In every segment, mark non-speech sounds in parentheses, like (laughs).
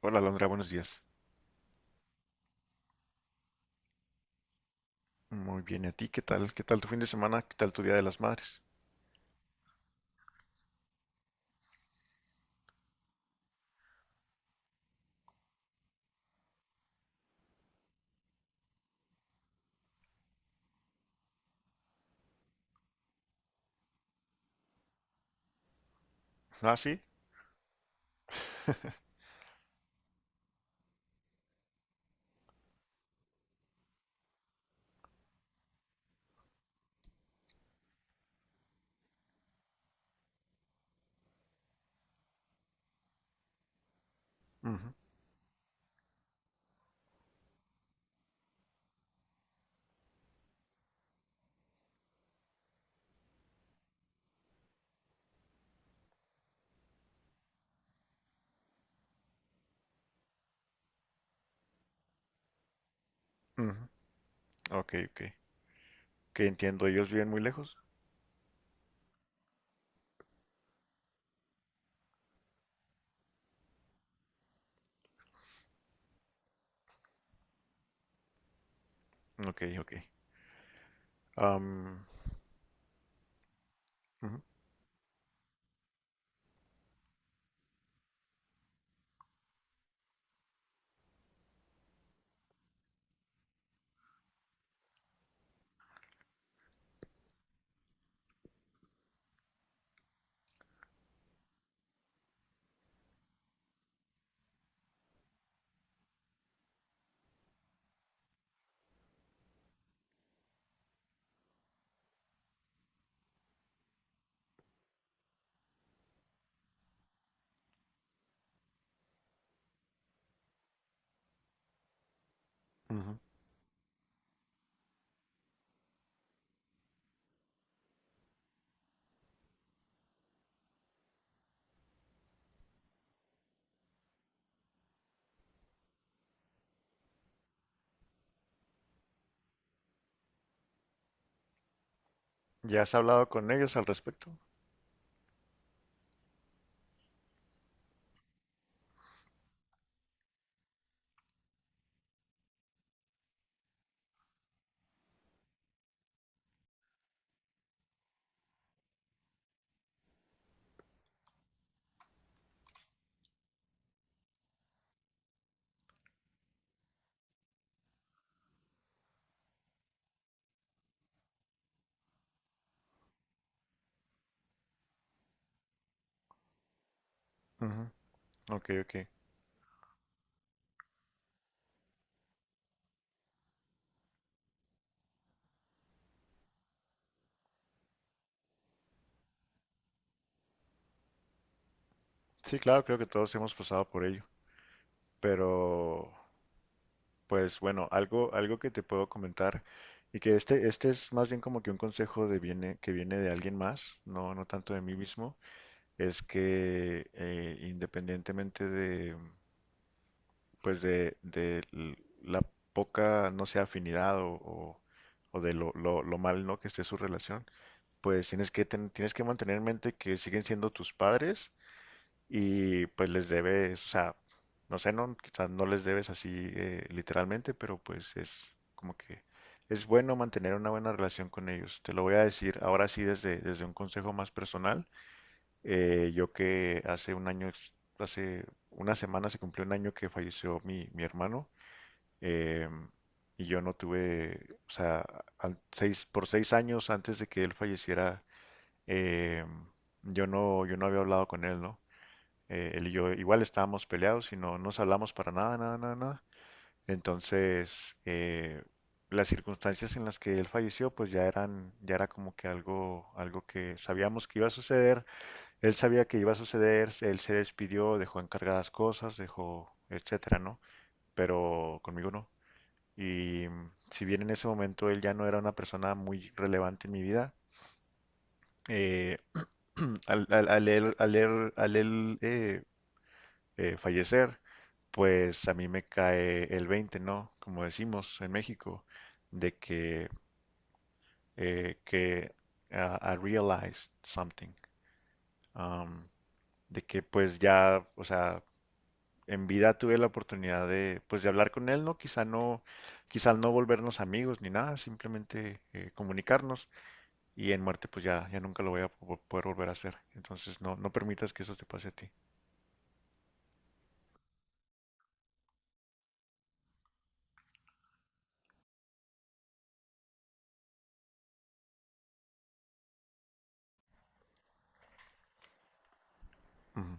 Hola, Alondra, buenos días. Muy bien, ¿y a ti qué tal? ¿Qué tal tu fin de semana? ¿Qué tal tu Día de las Madres? Ah, sí. (laughs) Ujú, ujú. Ok, ok. Que entiendo, ellos viven muy lejos. Ok, ok. Am, ujú, ujú. ¿Ya has hablado con ellos al respecto? Ujú. Ok, ok. Sí, claro, creo que todos hemos pasado por ello. Pero, pues bueno, algo que te puedo comentar y que este es más bien como que un consejo de que viene de alguien más, no tanto de mí mismo. Es que independientemente de, pues de la poca, no sé, afinidad o o de lo mal, ¿no? Que esté su relación, pues tienes que tienes que mantener en mente que siguen siendo tus padres y pues les debes, o sea, no sé, no, quizás no les debes así literalmente, pero pues es como que es bueno mantener una buena relación con ellos. Te lo voy a decir ahora sí desde un consejo más personal. Yo que hace un año, hace una semana se cumplió un año que falleció mi hermano em, y yo no tuve, o sea, por seis años antes de que él falleciera, em, yo no había hablado con él, ¿no? Él y yo igual estábamos peleados y no nos hablamos para nada, nada, nada, nada. Entonces, las circunstancias en las que él falleció, pues ya era como que algo que sabíamos que iba a suceder. Él sabía que iba a suceder, él se despidió, dejó encargadas cosas, dejó, etcétera, ¿no? Pero conmigo no. Y si bien en ese momento él ya no era una persona muy relevante en mi vida, eh, (clears throat) al, al- al él, al él- al él, fallecer, pues a mí me cae el 20, ¿no? Como decimos en México, de que ah, I realized something, um, de que pues ya, o sea, en vida tuve la oportunidad de, pues, de hablar con él, ¿no? Quizá no volvernos amigos ni nada, simplemente comunicarnos y en muerte pues ya, ya nunca lo voy a poder volver a hacer. Entonces no, no permitas que eso te pase a ti. Ujú.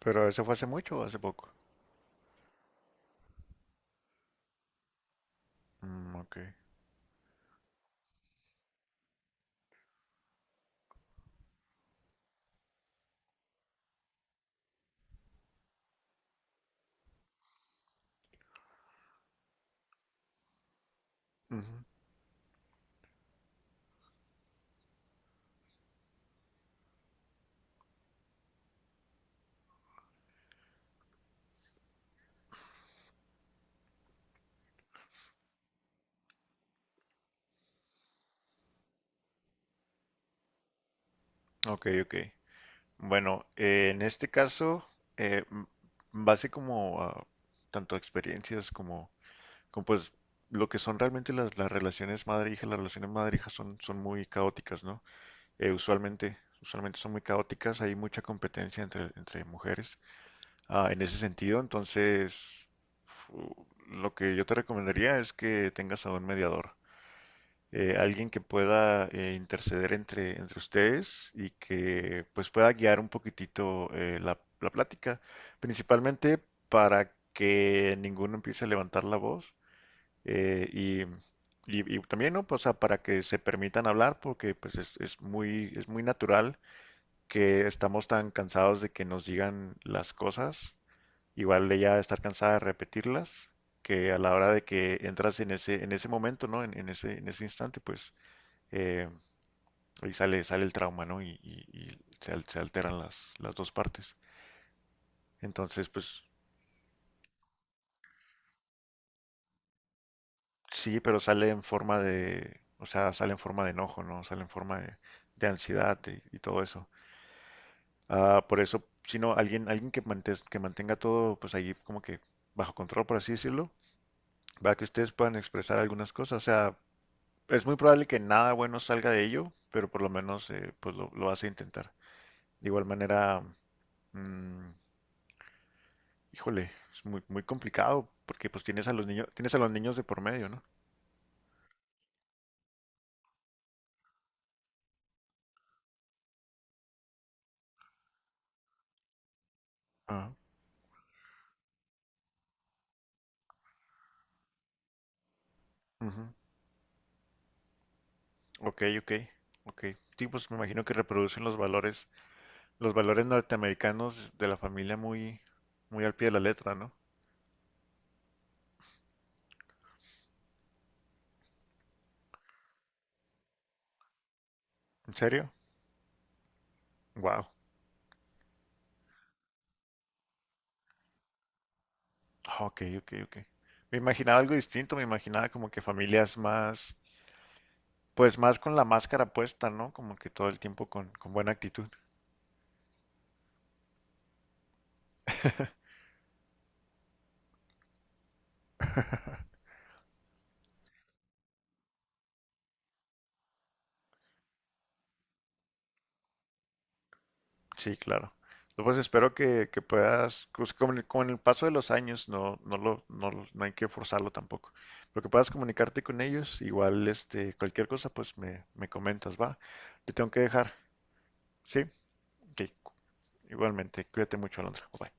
¿Pero eso fue hace mucho o hace poco? Ok. Ujú. Ok, ok. Bueno, en este caso, eh, m- base como a tanto experiencias como pues lo que son realmente las relaciones madre-hija, las relaciones madre-hija son muy caóticas, ¿no? Usualmente son muy caóticas, hay mucha competencia entre mujeres. En ese sentido, entonces lo que yo te recomendaría es que tengas a un mediador, alguien que pueda interceder entre ustedes y que pues pueda guiar un poquitito, la plática, principalmente para que ninguno empiece a levantar la voz. eh, y y también, ¿no? Pues, o sea, para que se permitan hablar, porque pues es muy natural que estamos tan cansados de que nos digan las cosas, igual ella de estar cansada de repetirlas, que a la hora de que entras en ese momento, ¿no? En ese instante, pues eh, ahí sale el trauma, ¿no? Y se, se alteran las dos partes. Entonces, pues sí, pero sale en forma de, o sea, sale en forma de enojo, ¿no? Sale en forma de ansiedad y todo eso. Por eso, si no, alguien que mantenga todo, pues ahí como que bajo control, por así decirlo, para que ustedes puedan expresar algunas cosas. O sea, es muy probable que nada bueno salga de ello, pero por lo menos pues lo vas a intentar. De igual manera, mm, híjole, es muy complicado porque pues tienes a los niños, tienes a los niños de por medio, ¿no? Ah, ujú. Ok, ok, ok. Sí, pues me imagino que reproducen los valores norteamericanos de la familia muy, muy al pie de la letra, ¿no? ¿En serio? Wow. Ah, ok, ok, ok. Me imaginaba algo distinto, me imaginaba como que familias más. Pues más con la máscara puesta, ¿no? Como que todo el tiempo con buena actitud. Sí, claro. No, pues espero que puedas, pues, con el paso de los años, no, no lo, no, no hay que forzarlo tampoco. Pero que puedas comunicarte con ellos, igual este, cualquier cosa, pues me comentas, va. Te tengo que dejar. Sí, ok. Igualmente, cuídate mucho, Alondra. Bye.